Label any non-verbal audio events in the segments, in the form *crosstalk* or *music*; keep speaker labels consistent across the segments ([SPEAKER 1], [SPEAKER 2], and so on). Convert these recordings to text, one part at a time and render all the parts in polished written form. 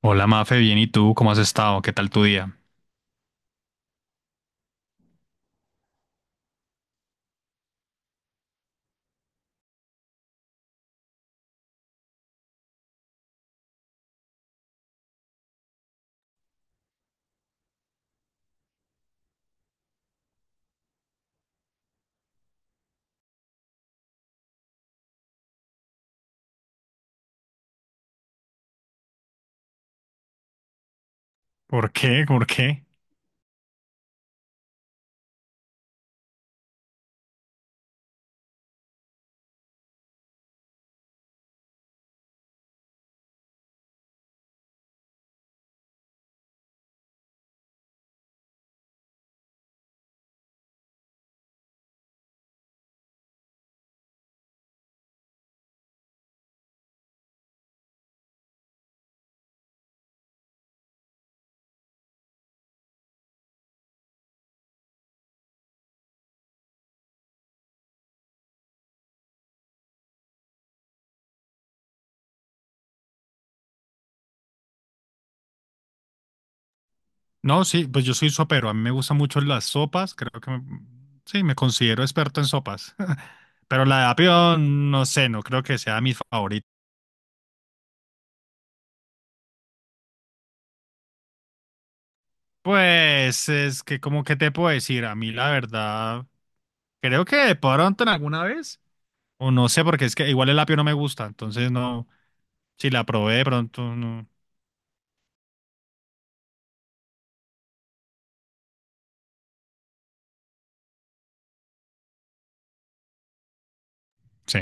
[SPEAKER 1] Hola Mafe, bien, ¿y tú? ¿Cómo has estado? ¿Qué tal tu día? ¿Por qué? ¿Por qué? No, sí, pues yo soy sopero. A mí me gustan mucho las sopas. Creo que sí, me considero experto en sopas. *laughs* Pero la de apio, no sé, no creo que sea mi favorita. Pues es que, como que te puedo decir? A mí, la verdad, creo que de pronto en alguna vez. O no sé, porque es que igual el apio no me gusta. Entonces, no. Si la probé de pronto, no. Sí.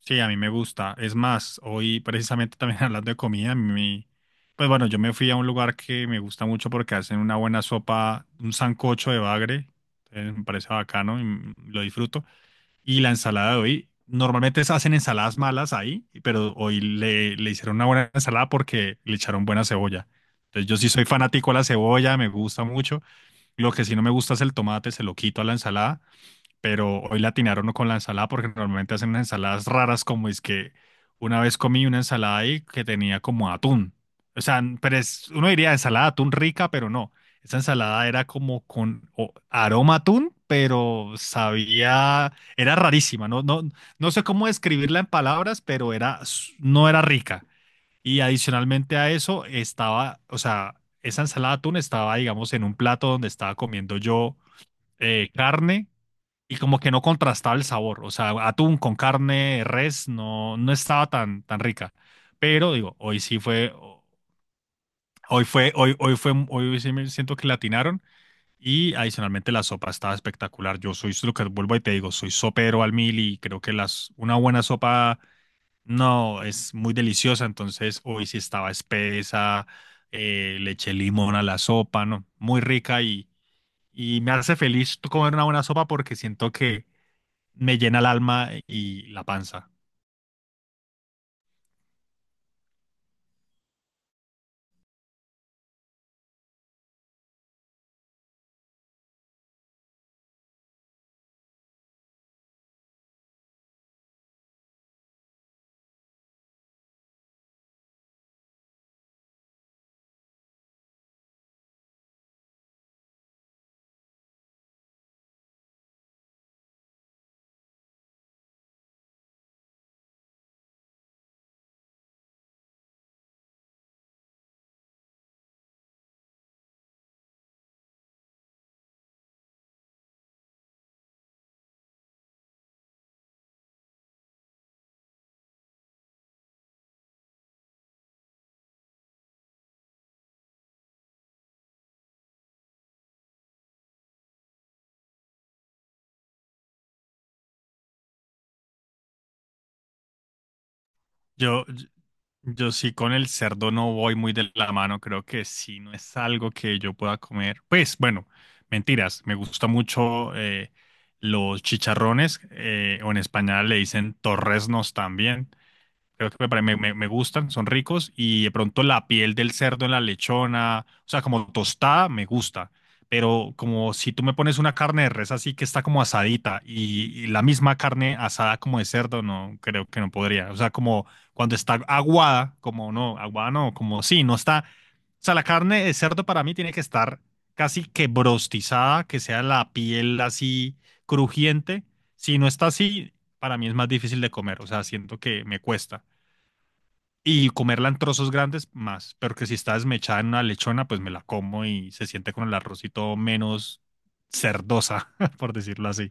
[SPEAKER 1] Sí, a mí me gusta. Es más, hoy precisamente también *laughs* hablando de comida, mi, pues bueno, yo me fui a un lugar que me gusta mucho porque hacen una buena sopa, un sancocho de bagre, me parece bacano y mm, lo disfruto. Y la ensalada de hoy, normalmente se hacen ensaladas malas ahí, pero hoy le hicieron una buena ensalada porque le echaron buena cebolla. Entonces yo sí soy fanático de la cebolla, me gusta mucho. Lo que sí no me gusta es el tomate, se lo quito a la ensalada, pero hoy la atinaron no con la ensalada porque normalmente hacen unas ensaladas raras, como es que una vez comí una ensalada ahí que tenía como atún. O sea, pero es, uno diría ensalada de atún rica, pero no. Esa ensalada era como con aroma a atún, pero sabía, era rarísima. No, no, no sé cómo describirla en palabras, pero era, no era rica. Y adicionalmente a eso estaba, o sea, esa ensalada de atún estaba, digamos, en un plato donde estaba comiendo yo carne, y como que no contrastaba el sabor. O sea, atún con carne, res, no, no estaba tan, tan rica. Pero digo, hoy fue, hoy sí me siento que latinaron. Y adicionalmente la sopa estaba espectacular. Yo soy lo que vuelvo y te digo, soy sopero al mil y creo que una buena sopa no es muy deliciosa. Entonces hoy sí estaba espesa, le eché limón a la sopa, ¿no? Muy rica y me hace feliz comer una buena sopa porque siento que me llena el alma y la panza. Yo, yo sí con el cerdo no voy muy de la mano, creo que sí, no es algo que yo pueda comer. Pues bueno, mentiras, me gusta mucho los chicharrones, o en España le dicen torresnos también. Creo que me, pare- me- me gustan, son ricos, y de pronto la piel del cerdo en la lechona, o sea, como tostada, me gusta. Pero como si tú me pones una carne de res así que está como asadita, y la misma carne asada como de cerdo, no, creo que no podría. O sea, como cuando está aguada, como no, aguada no, como sí, no está. O sea, la carne de cerdo para mí tiene que estar casi que brostizada, que sea la piel así crujiente. Si no está así, para mí es más difícil de comer. O sea, siento que me cuesta. Y comerla en trozos grandes, más. Pero que si está desmechada en una lechona, pues me la como y se siente con el arrocito menos cerdosa, *laughs* por decirlo así.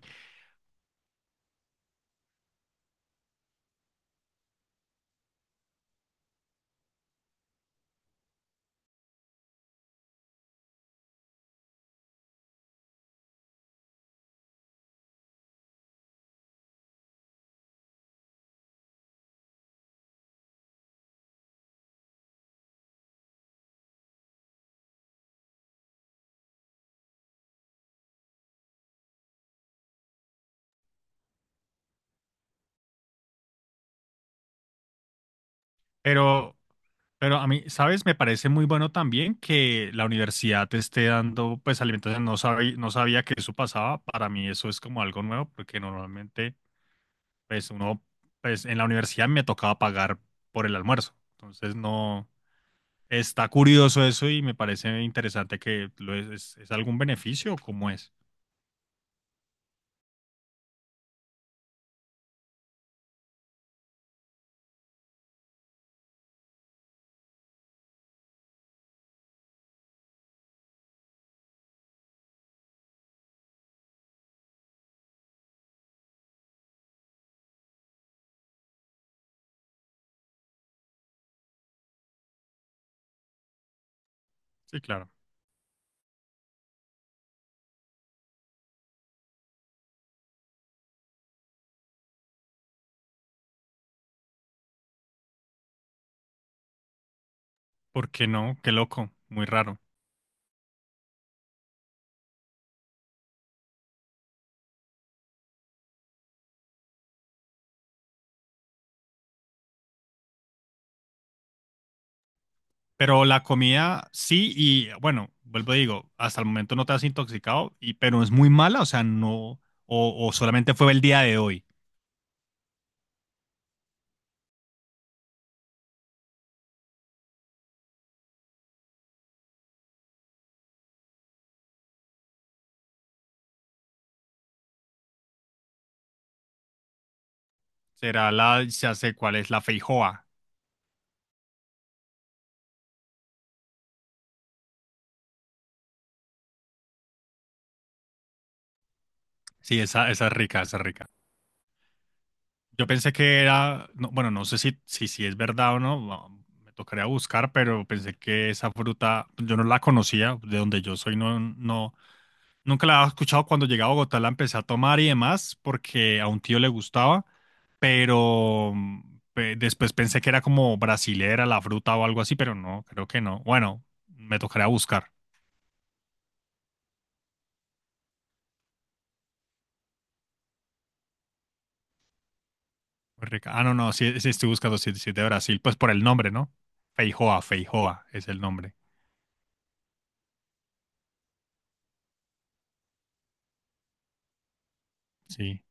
[SPEAKER 1] Pero, pero a mí, ¿sabes? Me parece muy bueno también que la universidad te esté dando, pues, alimentación. No sabía que eso pasaba. Para mí eso es como algo nuevo, porque normalmente, pues, uno, pues, en la universidad me tocaba pagar por el almuerzo. Entonces, no, está curioso eso y me parece interesante que es algún beneficio o cómo es. Sí, claro. ¿Por qué no? Qué loco, muy raro. Pero la comida sí, y bueno, vuelvo a digo, hasta el momento no te has intoxicado, y, pero es muy mala, o sea, no, o solamente fue el día de hoy. Será la, ya sé cuál es, la feijoa. Sí, esa es rica, esa es rica. Yo pensé que era, no, bueno, no sé si es verdad o no, me tocaría buscar, pero pensé que esa fruta, yo no la conocía, de donde yo soy, no, no, nunca la había escuchado. Cuando llegué a Bogotá, la empecé a tomar y demás, porque a un tío le gustaba, pero mm, después pensé que era como brasilera la fruta o algo así, pero no, creo que no. Bueno, me tocaría buscar. Muy rica. Ah, no, no, sí, sí estoy buscando, sí, sí es de Brasil, pues por el nombre, ¿no? Feijoa, Feijoa es el nombre, sí.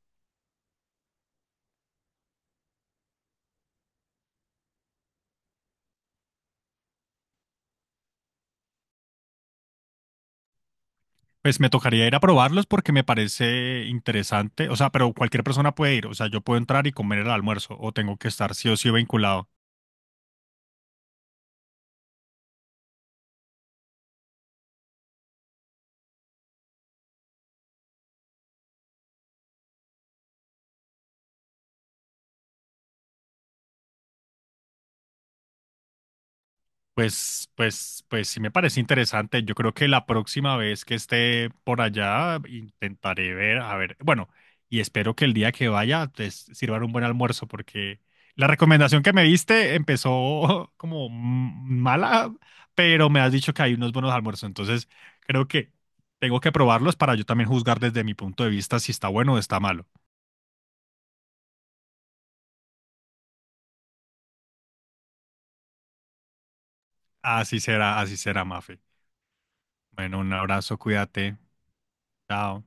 [SPEAKER 1] Pues me tocaría ir a probarlos porque me parece interesante, o sea, pero cualquier persona puede ir, o sea, yo puedo entrar y comer el almuerzo, o tengo que estar sí o sí vinculado. Pues sí me parece interesante. Yo creo que la próxima vez que esté por allá intentaré ver, a ver, bueno, y espero que el día que vaya te sirvan un buen almuerzo, porque la recomendación que me diste empezó *laughs* como mala, pero me has dicho que hay unos buenos almuerzos, entonces creo que tengo que probarlos para yo también juzgar desde mi punto de vista si está bueno o está malo. Así será, Mafe. Bueno, un abrazo, cuídate. Chao.